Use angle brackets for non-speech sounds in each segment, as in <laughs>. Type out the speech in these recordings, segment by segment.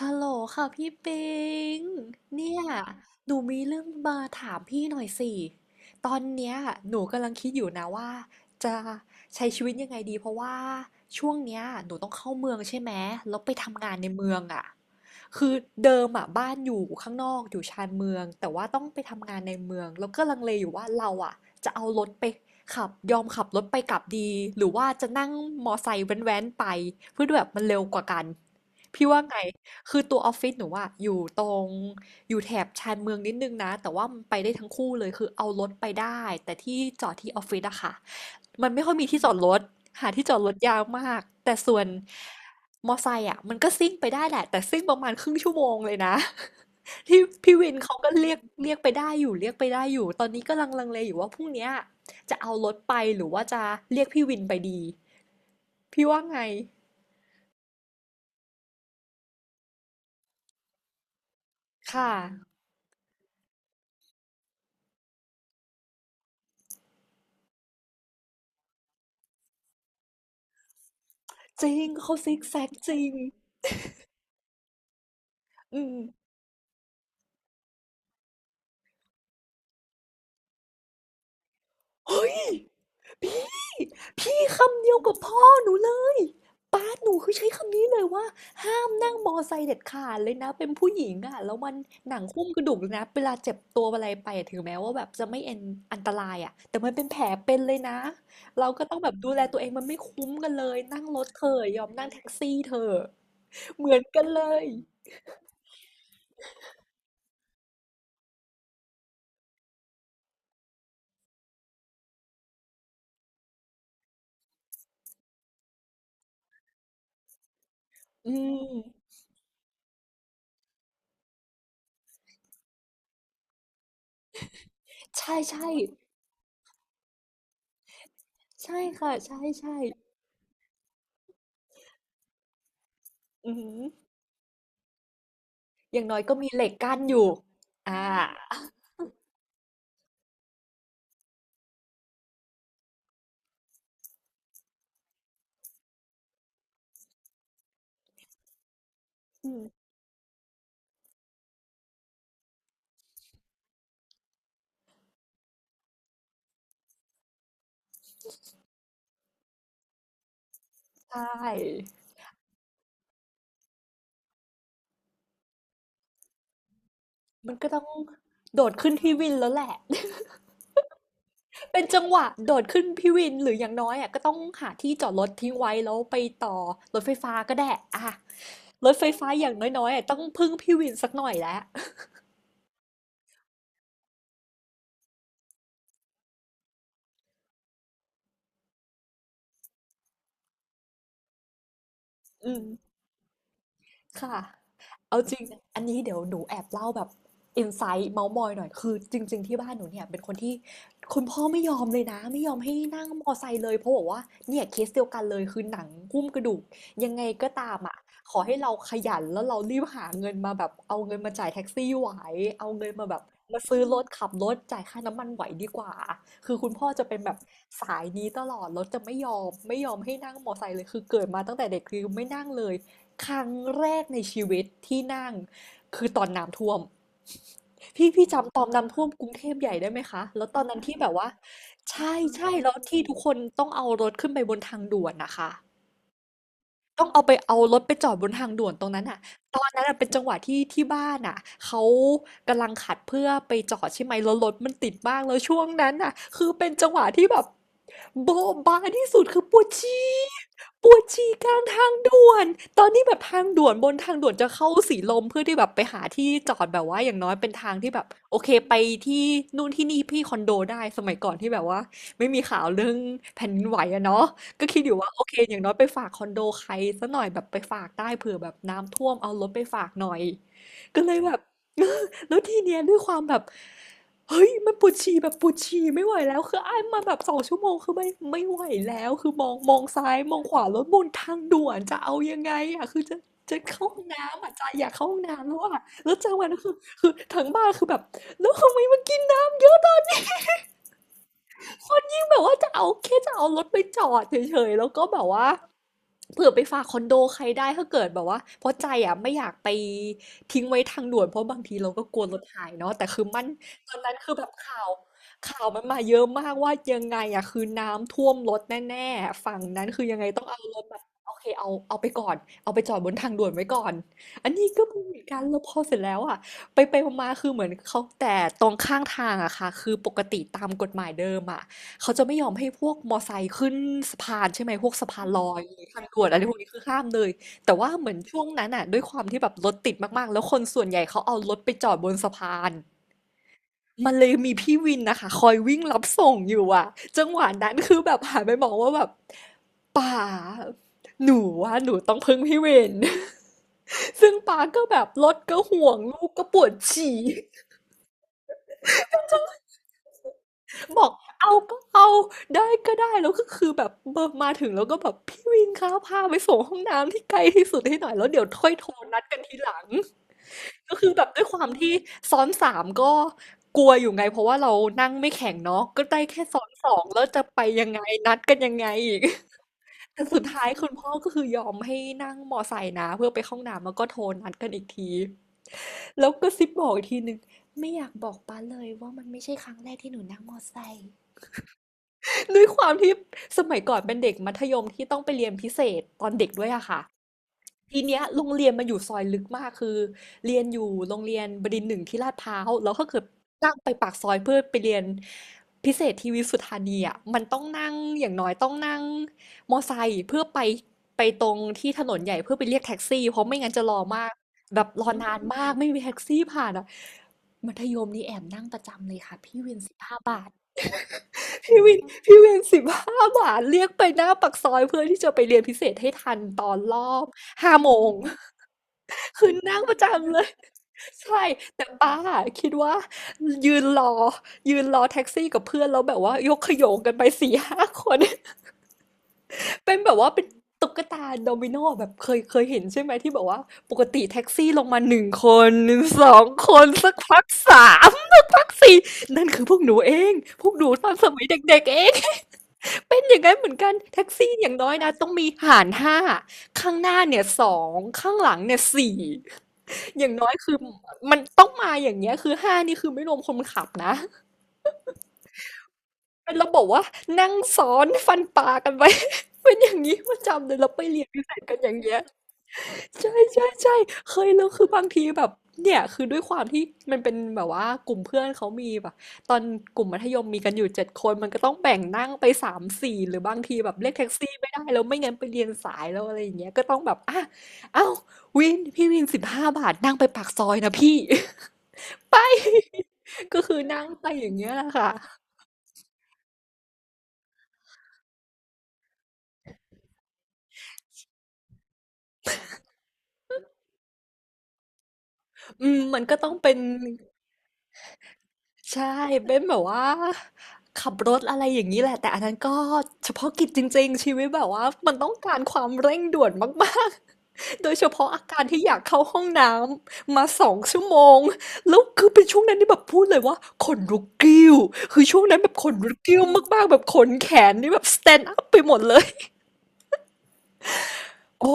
ฮัลโหลค่ะพี่ปิงเนี่ยหนูมีเรื่องมาถามพี่หน่อยสิตอนเนี้ยหนูกำลังคิดอยู่นะว่าจะใช้ชีวิตยังไงดีเพราะว่าช่วงเนี้ยหนูต้องเข้าเมืองใช่ไหมแล้วไปทำงานในเมืองอ่ะคือเดิมอ่ะบ้านอยู่ข้างนอกอยู่ชานเมืองแต่ว่าต้องไปทำงานในเมืองแล้วก็ลังเลอยู่ว่าเราอ่ะจะเอารถไปขับยอมขับรถไปกลับดีหรือว่าจะนั่งมอไซค์แว้นๆไปเพื่อแบบมันเร็วกว่ากันพี่ว่าไง คือตัวออฟฟิศหนูอะอยู่ตรงอยู่แถบชานเมืองนิดนึงนะแต่ว่ามันไปได้ทั้งคู่เลยคือเอารถไปได้แต่ที่จอดที่ออฟฟิศอะค่ะมันไม่ค่อยมีที่จอดรถหาที่จอดรถยากมากแต่ส่วนมอไซค์อะมันก็ซิ่งไปได้แหละแต่ซิ่งประมาณครึ่งชั่วโมงเลยนะ <laughs> ที่พี่วินเขาก็เรียกไปได้อยู่เรียกไปได้อยู่ตอนนี้ก็ลังเลอยู่ว่าพรุ่งเนี้ยจะเอารถไปหรือว่าจะเรียกพี่วินไปดีพี่ว่าไงค่ะจริงเขาซิกแซกจริงอืม เฮ้ยพี่คำเดียวกับพ่อหนูเลยป้าหนูคือใช้คำนี้เลยว่าห้ามนั่งมอไซค์เด็ดขาดเลยนะเป็นผู้หญิงอ่ะแล้วมันหนังหุ้มกระดูกเลยนะเวลาเจ็บตัวอะไรไปอะถึงแม้ว่าแบบจะไม่เอ็นอันตรายอ่ะแต่มันเป็นแผลเป็นเลยนะเราก็ต้องแบบดูแลตัวเองมันไม่คุ้มกันเลยนั่งรถเธอะยอมนั่งแท็กซี่เธอะเหมือนกันเลยอืมใช่ใช่ใช่ค่ะใช่ใช่อืมอย่างน้อยก็มีเหล็กกั้นอยู่อ่าอืม ใช่มันก็ต้องโดดขึ้นพี่วินแล้วแหละ <laughs> เป็นจังหวะโดดขึ้นพี่วินหรืออย่างน้อยอ่ะก็ต้องหาที่จอดรถทิ้งไว้แล้วไปต่อรถไฟฟ้าก็ได้อ่ะรถไฟฟ้าอย่างน้อยๆอะต้องพึ่งพี่วินสักหน่อยแล้ว <laughs> อืม ค่ะเอาจริงอันนี้เดี๋ยวหนูแอบเล่าแบบอินไซต์เมาท์มอยหน่อยคือจริงๆที่บ้านหนูเนี่ยเป็นคนที่คุณพ่อไม่ยอมเลยนะไม่ยอมให้นั่งมอไซค์เลยเพราะบอกว่าเนี่ยเคสเดียวกันเลยคือหนังหุ้มกระดูกยังไงก็ตามอ่ะขอให้เราขยันแล้วเรารีบหาเงินมาแบบเอาเงินมาจ่ายแท็กซี่ไหวเอาเงินมาแบบมาซื้อรถขับรถจ่ายค่าน้ำมันไหวดีกว่าคือคุณพ่อจะเป็นแบบสายนี้ตลอดรถจะไม่ยอมให้นั่งมอไซค์เลยคือเกิดมาตั้งแต่เด็กคือไม่นั่งเลย ครั้งแรกในชีวิตที่นั่งคือตอนน้ำท่วม พี่จำตอนน้ำท่วมกรุงเทพใหญ่ได้ไหมคะ แล้วตอนนั้นที่แบบว่าใช่ใช่แล้วที่ทุกคนต้องเอารถขึ้นไปบนทางด่วนนะคะ ต้องเอาไปเอารถไปจอดบนทางด่วนตรงนั้นอ่ะตอนนั้นอะเป็นจังหวะที่บ้านอ่ะเขากำลังขัดเพื่อไปจอดใช่ไหมแล้วรถมันติดมากแล้วช่วงนั้นอ่ะคือเป็นจังหวะที่แบบโบ๊ะบาที่สุดคือปวดฉี่ปวดฉี่กลางทางด่วนตอนนี้แบบทางด่วนบนทางด่วนจะเข้าสีลมเพื่อที่แบบไปหาที่จอดแบบว่าอย่างน้อยเป็นทางที่แบบโอเคไปที่นู่นที่นี่พี่คอนโดได้สมัยก่อนที่แบบว่าไม่มีข่าวเรื่องแผ่นดินไหวอะเนาะ ก็คิดอยู่ว่าโอเคอย่างน้อยไปฝากคอนโดใครสักหน่อยแบบไปฝากได้เผื่อแบบน้ำท่วมเอารถไปฝากหน่อยก็เลยแบบ <laughs> แล้วทีเนี้ยด้วยความแบบเฮ้ยมันปวดฉี่แบบปวดฉี่ไม่ไหวแล้วคืออ้ายมาแบบ2 ชั่วโมงคือไม่ไหวแล้วคือมองซ้ายมองขวารถบนทางด่วนจะเอายังไงอ่ะคือจะเข้าห้องน้ำอ่ะใจอยากเข้าห้องน้ำแล้วอ่ะแล้วจังหวะนั้นคือคือทั้งบ้านคือแบบแล้วทำไมมันกินน้ำเยอะตอนคนยิ่งแบบว่าจะเอาแค่จะเอารถไปจอดเฉยๆแล้วก็แบบว่า เผื่อไปฝากคอนโดใครได้ถ้าเกิดแบบว่าเพราะใจอ่ะไม่อยากไปทิ้งไว้ทางด่วนเพราะบางทีเราก็กลัวรถหายเนาะแต่คือมันตอนนั้นคือแบบข่าวมันมาเยอะมากว่ายังไงอ่ะคือน้ำท่วมรถแน่ๆฝั่งนั้นคือยังไงต้องเอารถแบบโอเคเอาไปก่อนเอาไปจอดบนทางด่วนไว้ก่อนอันนี้ก็มีเหมือนกันแล้วพอเสร็จแล้วอ่ะไปไปมาๆคือเหมือนเขาแต่ตรงข้างทางอะค่ะคือปกติตามกฎหมายเดิมอะ เขาจะไม่ยอมให้พวกมอไซค์ขึ้นสะพานใช่ไหมพวกสะพานลอยหรือทางด่วนอะไรพวกนี้คือห้ามเลยแต่ว่าเหมือนช่วงนั้นอ่ะด้วยความที่แบบรถติดมากๆแล้วคนส่วนใหญ่เขาเอารถไปจอดบนสะพานมันเลยมีพี่วินนะคะคอยวิ่งรับส่งอยู่อ่ะจังหวะนั้นคือแบบหันไปมองว่าแบบป่าหนูว่าหนูต้องพึ่งพี่วิน <laughs> ซึ่งป้าก็แบบรถก็ห่วงลูกก็ปวดฉี่ บอกเอาก็เอาได้ก็ได้แล้วก็คือแบบมาถึงแล้วก็แบบพี่วินคะพาไปส่งห้องน้ำที่ไกลที่สุดให้หน่อยแล้วเดี๋ยวค่อยโทรนัดกันทีหลังก็คือแบบด้วยความที่ซ้อนสามก็กลัวอยู่ไงเพราะว่าเรานั่งไม่แข็งเนาะก็ได้แค่ซ้อนสองแล้วจะไปยังไงนัดกันยังไงอีกแต่สุดท้ายคุณพ่อก็คือยอมให้นั่งมอไซค์นะเพื่อไปเข้าห้องน้ำแล้วก็โทรนัดกันอีกทีแล้วก็ซิปบอกอีกทีหนึ่งไม่อยากบอกป้าเลยว่ามันไม่ใช่ครั้งแรกที่หนูนั่งมอไซค์ ด้วยความที่สมัยก่อนเป็นเด็กมัธยมที่ต้องไปเรียนพิเศษตอนเด็กด้วยอะค่ะทีเนี้ยโรงเรียนมันอยู่ซอยลึกมากคือเรียนอยู่โรงเรียนบดินทร์หนึ่งที่ลาดพร้าวแล้วก็เกิดนั่งไปปากซอยเพื่อไปเรียนพิเศษที่วิสุทธานีอะมันต้องนั่งอย่างน้อยต้องนั่งมอไซค์เพื่อไปไปตรงที่ถนนใหญ่เพื่อไปเรียกแท็กซี่เพราะไม่งั้นจะรอมากแบบรอนานมากไม่มีแท็กซี่ผ่านอะมัธยมนี่แอบนั่งประจำเลยค่ะพี่วินสิบห้า พี่วินพี่เวน15 บาทเรียกไปหน้าปากซอยเพื่อที่จะไปเรียนพิเศษให้ทันตอนรอบ5 โมงคือนั่งประจำเลยใช่แต่ป้าคิดว่ายืนรอยืนรอแท็กซี่กับเพื่อนแล้วแบบว่ายกขโยงกันไป4-5 คนเป็นแบบว่าเป็นตุ๊กตาโดมิโนแบบเคยเห็นใช่ไหมที่แบบว่าปกติแท็กซี่ลงมาหนึ่งคนสองคนสักพักสามสักพักสี่นั่นคือพวกหนูเองพวกหนูตอนสมัยเด็กๆเอง เป็นอย่างนั้นเหมือนกันแท็กซี่อย่างน้อยนะต้องมีหารห้าข้างหน้าเนี่ยสองข้างหลังเนี่ยสี่อย่างน้อยคือมันต้องมาอย่างเงี้ยคือห้านี่คือไม่รวมคนขับนะเป็นระบบว่านั่งซ้อนฟันปลากันไป <laughs> เป็นอย่างนี้ประจำเลยเราไปเรียนพิเศษกันอย่างเงี้ย ใช่ใช่ใช่เคยแล้วคือบางทีแบบเนี่ยคือด้วยความที่มันเป็นแบบว่ากลุ่มเพื่อนเขามีแบบตอนกลุ่มมัธยมมีกันอยู่7 คนมันก็ต้องแบ่งนั่งไปสามสี่หรือบางทีแบบเรียกแท็กซี่ไม่ได้แล้วไม่งั้นไปเรียนสายแล้วอะไรอย่างเงี้ยก็ต้องแบบอ่ะเอ้าพี่วินสิบห้าบาทนั่งไปปากซอยนะพี่ <laughs> ไปก็คือนั่งไปอย่างเงี้ยแหละค่ะอืมมันก็ต้องเป็น ใช่เป็นแบบว่าขับรถอะไรอย่างนี้แหละแต่อันนั้นก็เฉพาะกิจจริงๆชีวิตแบบว่ามันต้องการความเร่งด่วนมากๆ <laughs> โดยเฉพาะอาการที่อยากเข้าห้องน้ำมา2 ชั่วโมงแล้วคือเป็นช่วงนั้นที่แบบพูดเลยว่าขนลุกกิ้วคือช่วงนั้นแบบขนลุกกิ้วมากๆแบบขนแขนนี่แบบ stand up ไปหมดเลย <laughs> โอ้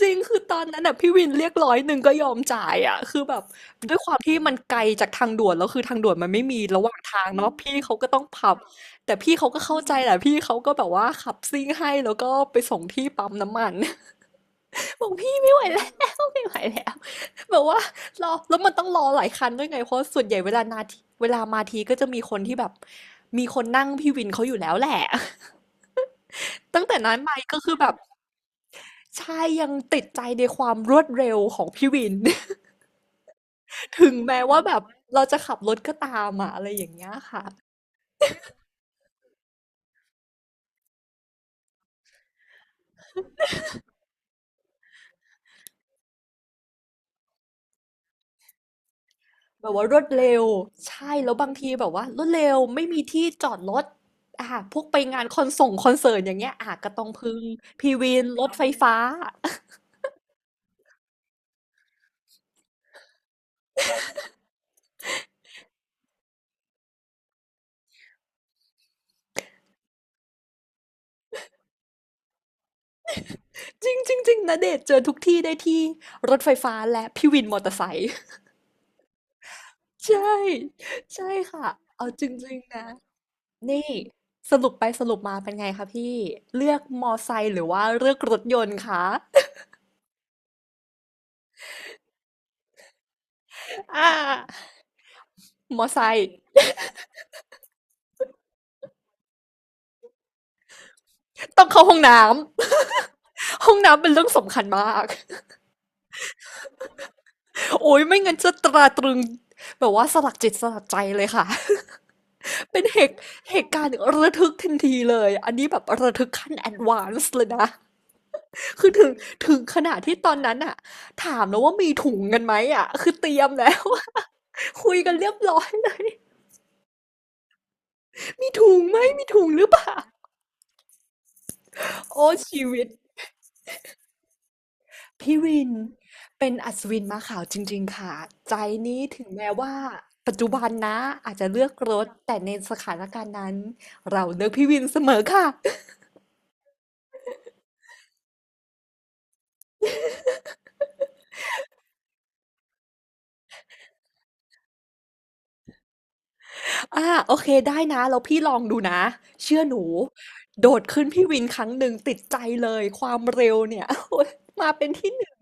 จริงคือตอนนั้นน่ะพี่วินเรียก101ก็ยอมจ่ายอะคือแบบด้วยความที่มันไกลจากทางด่วนแล้วคือทางด่วนมันไม่มีระหว่างทางเนาะพี่เขาก็ต้องขับแต่พี่เขาก็เข้าใจแหละพี่เขาก็แบบว่าขับซิ่งให้แล้วก็ไปส่งที่ปั๊มน้ำมัน <laughs> บอกพี่ไม่ไหวแล้ว <laughs> ไม่ไหวแล้วแบบว่ารอแล้วมันต้องรอหลายคันด้วยไงเพราะส่วนใหญ่เวลานาทีเวลามาทีก็จะมีคนที่แบบมีคนนั่งพี่วินเขาอยู่แล้วแหละ <laughs> ตั้งแต่นั้นมาก็คือแบบใช่ยังติดใจในความรวดเร็วของพี่วิน ถึงแม้ว่าแบบเราจะขับรถก็ตามอะอะไรอย่างเงี้ยค่ะแบบว่ารวดเร็วใช่แล้วบางทีแบบว่ารวดเร็วไม่มีที่จอดรถอ่ะพวกไปงานคอนส่งคอนเสิร์ตอย่างเงี้ยอ่ะก็ต้องพึ่งพีวินรถไฟฟ้าจริงจริงจริงนะเดชน์เจอทุกที่ได้ที่รถไฟฟ้าและพี่วินมอเตอร์ไซค์ <laughs> ใช่ใช่ค่ะเอาจริงๆนะนี่สรุปไปสรุปมาเป็นไงคะพี่เลือกมอไซค์หรือว่าเลือกรถยนต์คะ <laughs> อ่ามอไซค์ ต้องเข้าห้องน้ำ <laughs> ห้องน้ำเป็นเรื่องสำคัญมาก <laughs> โอ้ยไม่งั้นจะตราตรึงแบบว่าสลักจิตสลักใจเลยค่ะ <laughs> เป็นเหตุการณ์ระทึกทันทีเลยอันนี้แบบระทึกขั้นแอดวานซ์เลยนะ <laughs> คือถึงขนาดที่ตอนนั้นอะถามแล้วว่ามีถุงกันไหมอะ <laughs> คือเตรียมแล้ว <laughs> คุยกันเรียบร้อยเลย <laughs> มีถุงไหมมีถุงหรือเปล่าโอ้ชีวิต พี่วินเป็นอัศวินม้าขาวจริงๆค่ะใจนี้ถึงแม้ว่าปัจจุบันนะอาจจะเลือกรถแต่ในสถานการณ์นั้นเราเลือกพี่วินเสมอค่ะอ่าโอเคได้นะแล้วพี่ลองดูนะเชื่อหนูโดดขึ้นพี่วินครั้งหนึ่งติดใจเลยความเร็วเนี่ย <laughs> โอ๊ยมาเป็นที่หนึ่ง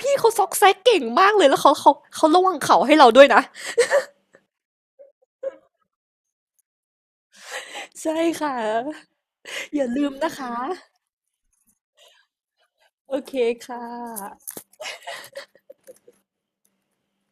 พี่เขาซอกแซกเก่งมากเลยแล้วเขาระวังเขาให้เราด้วยนะใช่ค่ะอย่าลืมนะคะโอเคค่ะ